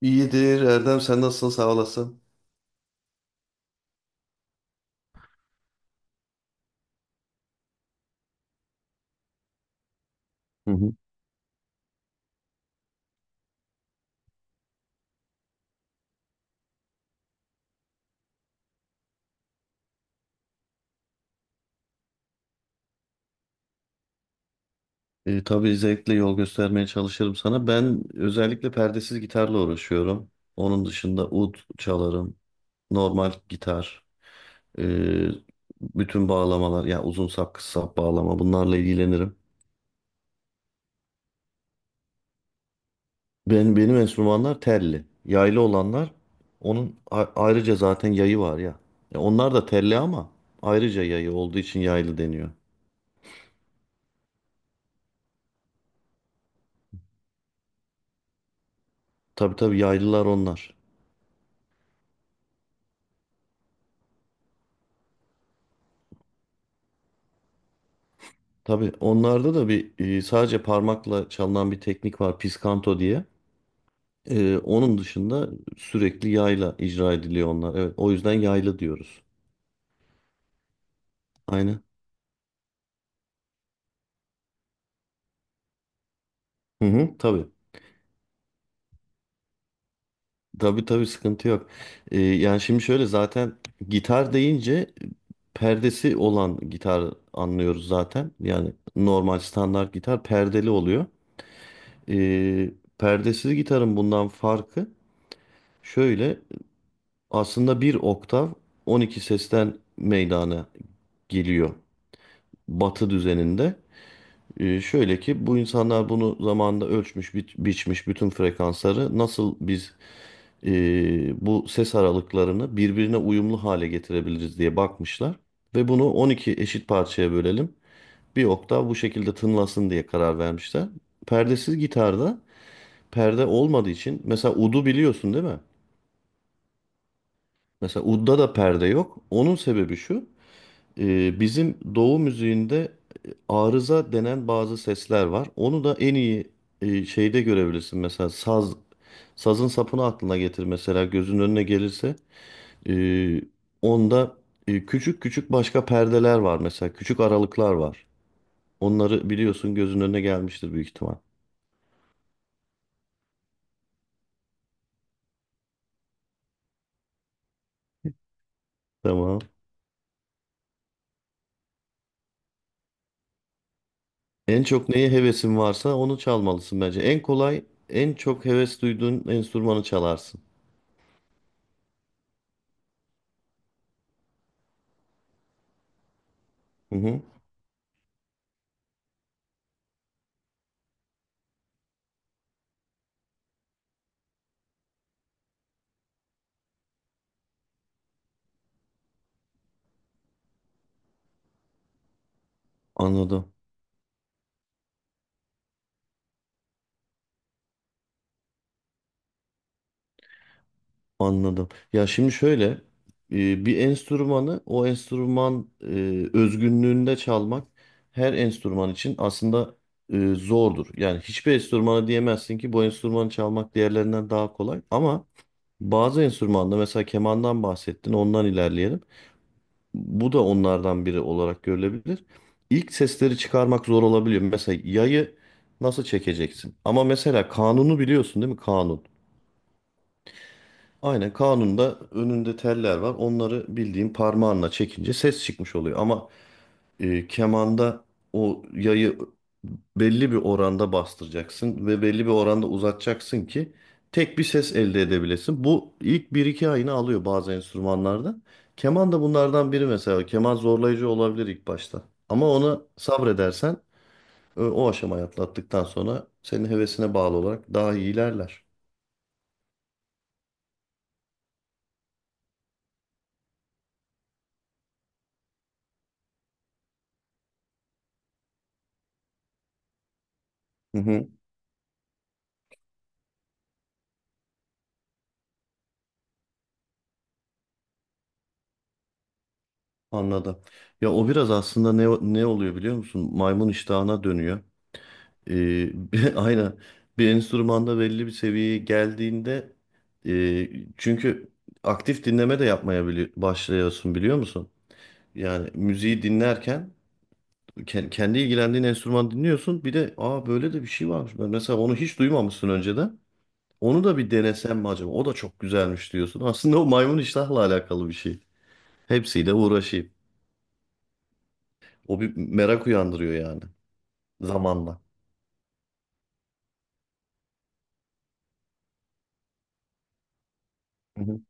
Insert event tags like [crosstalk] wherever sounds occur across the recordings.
İyidir Erdem, sen nasılsın, sağ olasın. Tabii zevkle yol göstermeye çalışırım sana. Ben özellikle perdesiz gitarla uğraşıyorum. Onun dışında ud çalarım, normal gitar, e, bütün bağlamalar yani uzun sap kısa sap bağlama bunlarla ilgilenirim. Benim enstrümanlar telli. Yaylı olanlar ayrıca zaten yayı var ya. Ya onlar da telli ama ayrıca yayı olduğu için yaylı deniyor. Tabii tabii yaylılar onlar. Tabii onlarda da bir sadece parmakla çalınan bir teknik var piskanto diye. Onun dışında sürekli yayla icra ediliyor onlar. Evet, o yüzden yaylı diyoruz. Aynen. Hı hı, tabii. Tabii tabii sıkıntı yok. Yani şimdi şöyle zaten gitar deyince perdesi olan gitar anlıyoruz zaten. Yani normal standart gitar perdeli oluyor. E, Perdesiz gitarın bundan farkı şöyle. Aslında bir oktav 12 sesten meydana geliyor Batı düzeninde. Şöyle ki bu insanlar bunu zamanında ölçmüş, biçmiş bütün frekansları nasıl biz e, bu ses aralıklarını birbirine uyumlu hale getirebiliriz diye bakmışlar. Ve bunu 12 eşit parçaya bölelim. Bir oktav bu şekilde tınlasın diye karar vermişler. Perdesiz gitarda perde olmadığı için mesela udu biliyorsun değil mi? Mesela udda da perde yok. Onun sebebi şu. Bizim doğu müziğinde arıza denen bazı sesler var. Onu da en iyi şeyde görebilirsin. Mesela saz, sazın sapını aklına getir mesela, gözünün önüne gelirse. Ee, Onda küçük küçük başka perdeler var mesela. Küçük aralıklar var. Onları biliyorsun, gözünün önüne gelmiştir büyük ihtimal. Tamam. En çok neye hevesin varsa onu çalmalısın bence. En kolay, en çok heves duyduğun enstrümanı çalarsın. Hı hı, anladım. Anladım. Ya şimdi şöyle, bir enstrümanı o enstrüman özgünlüğünde çalmak her enstrüman için aslında zordur. Yani hiçbir enstrümana diyemezsin ki bu enstrümanı çalmak diğerlerinden daha kolay. Ama bazı enstrümanda mesela kemandan bahsettin, ondan ilerleyelim. Bu da onlardan biri olarak görülebilir. İlk sesleri çıkarmak zor olabiliyor. Mesela yayı nasıl çekeceksin? Ama mesela kanunu biliyorsun değil mi? Kanun. Aynen, kanunda önünde teller var. Onları bildiğin parmağınla çekince ses çıkmış oluyor. Ama kemanda o yayı belli bir oranda bastıracaksın ve belli bir oranda uzatacaksın ki tek bir ses elde edebilesin. Bu ilk bir iki ayını alıyor bazı enstrümanlarda. Keman da bunlardan biri mesela. Keman zorlayıcı olabilir ilk başta. Ama ona sabredersen o aşamayı atlattıktan sonra senin hevesine bağlı olarak daha iyi ilerler. [laughs] Anladım. Ya o biraz aslında ne oluyor biliyor musun? Maymun iştahına dönüyor. [laughs] Aynen. Bir enstrümanda belli bir seviyeye geldiğinde, e, çünkü aktif dinleme de yapmaya başlıyorsun biliyor musun? Yani müziği dinlerken kendi ilgilendiğin enstrüman dinliyorsun. Bir de, aa, böyle de bir şey varmış. Ben mesela onu hiç duymamışsın önceden. Onu da bir denesem mi acaba? O da çok güzelmiş diyorsun. Aslında o maymun iştahla alakalı bir şey. Hepsiyle uğraşayım. O bir merak uyandırıyor yani. Zamanla. Hı hı.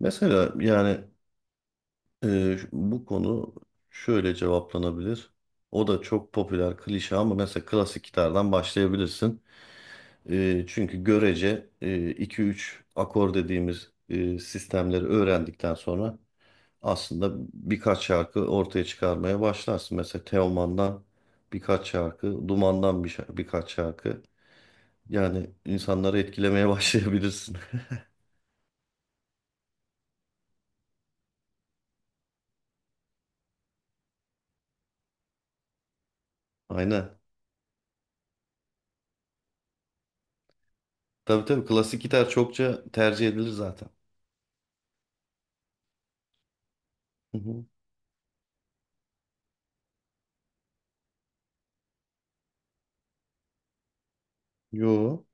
Mesela yani, bu konu şöyle cevaplanabilir. O da çok popüler klişe ama mesela klasik gitardan başlayabilirsin. Çünkü görece iki üç akor dediğimiz sistemleri öğrendikten sonra aslında birkaç şarkı ortaya çıkarmaya başlarsın. Mesela Teoman'dan birkaç şarkı, Duman'dan birkaç şarkı. Yani insanları etkilemeye [laughs] başlayabilirsin. Aynen. Tabii tabii klasik gitar çokça tercih edilir zaten. Hı hı. Yo.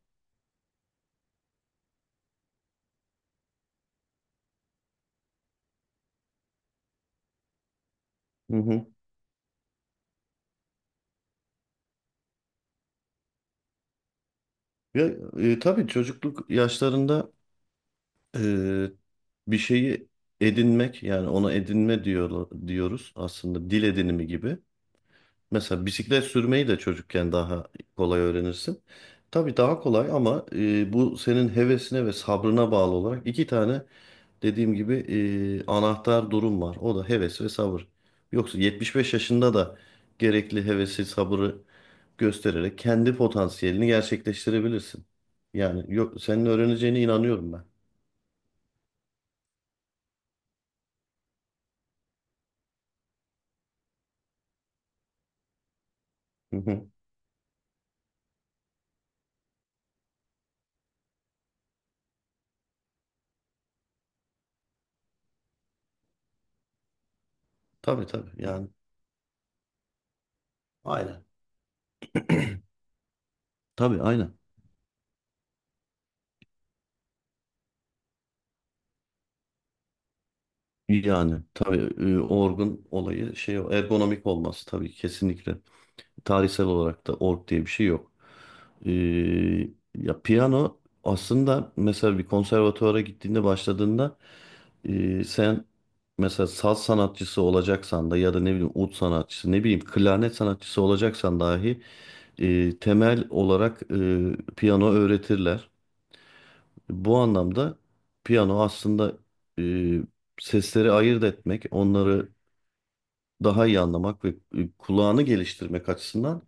Hı hı. Ya, tabii çocukluk yaşlarında e, bir şeyi edinmek, yani ona edinme diyoruz aslında, dil edinimi gibi. Mesela bisiklet sürmeyi de çocukken daha kolay öğrenirsin. Tabii daha kolay ama bu senin hevesine ve sabrına bağlı olarak iki tane dediğim gibi anahtar durum var. O da heves ve sabır. Yoksa 75 yaşında da gerekli hevesi, sabrı göstererek kendi potansiyelini gerçekleştirebilirsin. Yani yok, senin öğreneceğine inanıyorum ben. Hı hı. Tabii tabii yani. Aynen. Tabii aynen. Yani tabii, orgun olayı şey o, ergonomik olması tabii kesinlikle. Tarihsel olarak da org diye bir şey yok. Ee, Ya piyano aslında mesela bir konservatuvara gittiğinde başladığında, sen mesela saz sanatçısı olacaksan da ya da ne bileyim ud sanatçısı ne bileyim klarnet sanatçısı olacaksan dahi temel olarak piyano öğretirler. Bu anlamda piyano aslında e, sesleri ayırt etmek, onları daha iyi anlamak ve kulağını geliştirmek açısından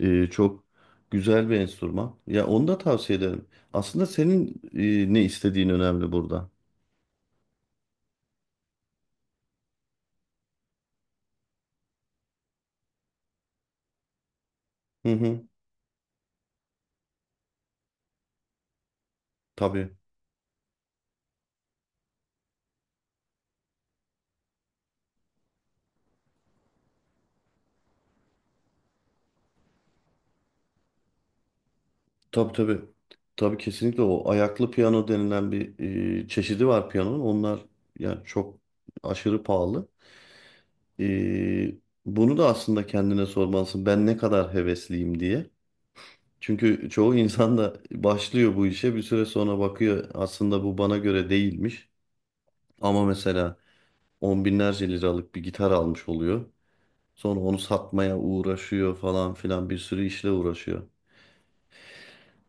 çok güzel bir enstrüman. Ya onu da tavsiye ederim. Aslında senin ne istediğin önemli burada. Hı hı, tabii. Tabii tabii. Tabii kesinlikle o ayaklı piyano denilen bir çeşidi var piyanonun. Onlar yani çok aşırı pahalı. E, Bunu da aslında kendine sormalısın. Ben ne kadar hevesliyim diye. Çünkü çoğu [laughs] insan da başlıyor bu işe, bir süre sonra bakıyor aslında bu bana göre değilmiş. Ama mesela on binlerce liralık bir gitar almış oluyor. Sonra onu satmaya uğraşıyor falan filan, bir sürü işle uğraşıyor.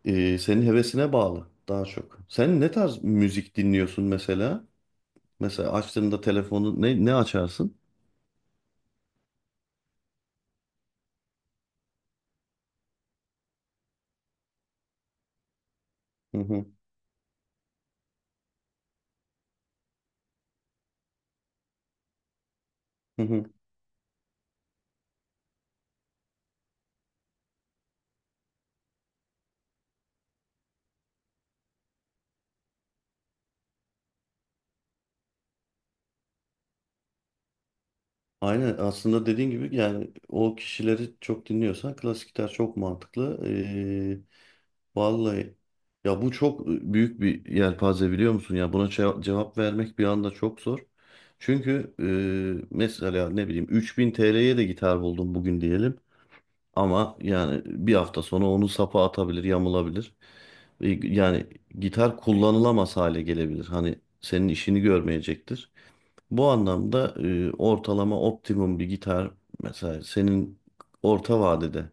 Senin hevesine bağlı daha çok. Sen ne tarz müzik dinliyorsun mesela? Mesela açtığında telefonu ne açarsın? Hı hı, hı hı. Aynen, aslında dediğin gibi yani o kişileri çok dinliyorsan klasik gitar çok mantıklı. Vallahi, ya bu çok büyük bir yelpaze biliyor musun, ya buna cevap vermek bir anda çok zor. Çünkü mesela ne bileyim 3.000 TL'ye de gitar buldum bugün diyelim, ama yani bir hafta sonra onun sapı atabilir, yamulabilir. Yani gitar kullanılamaz hale gelebilir. Hani senin işini görmeyecektir. Bu anlamda ortalama optimum bir gitar, mesela senin orta vadede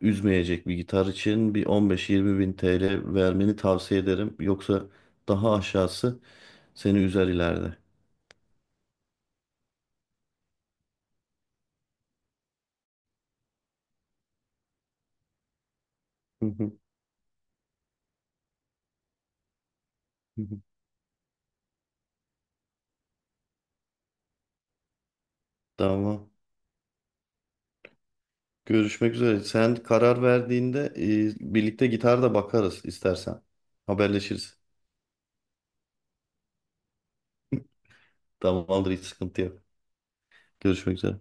üzmeyecek bir gitar için bir 15-20 bin TL vermeni tavsiye ederim. Yoksa daha aşağısı seni üzer ileride. Hı hı, hı hı. Tamam. Görüşmek üzere. Sen karar verdiğinde birlikte gitar da bakarız istersen. Haberleşiriz. Tamamdır, hiç sıkıntı yok. Görüşmek üzere.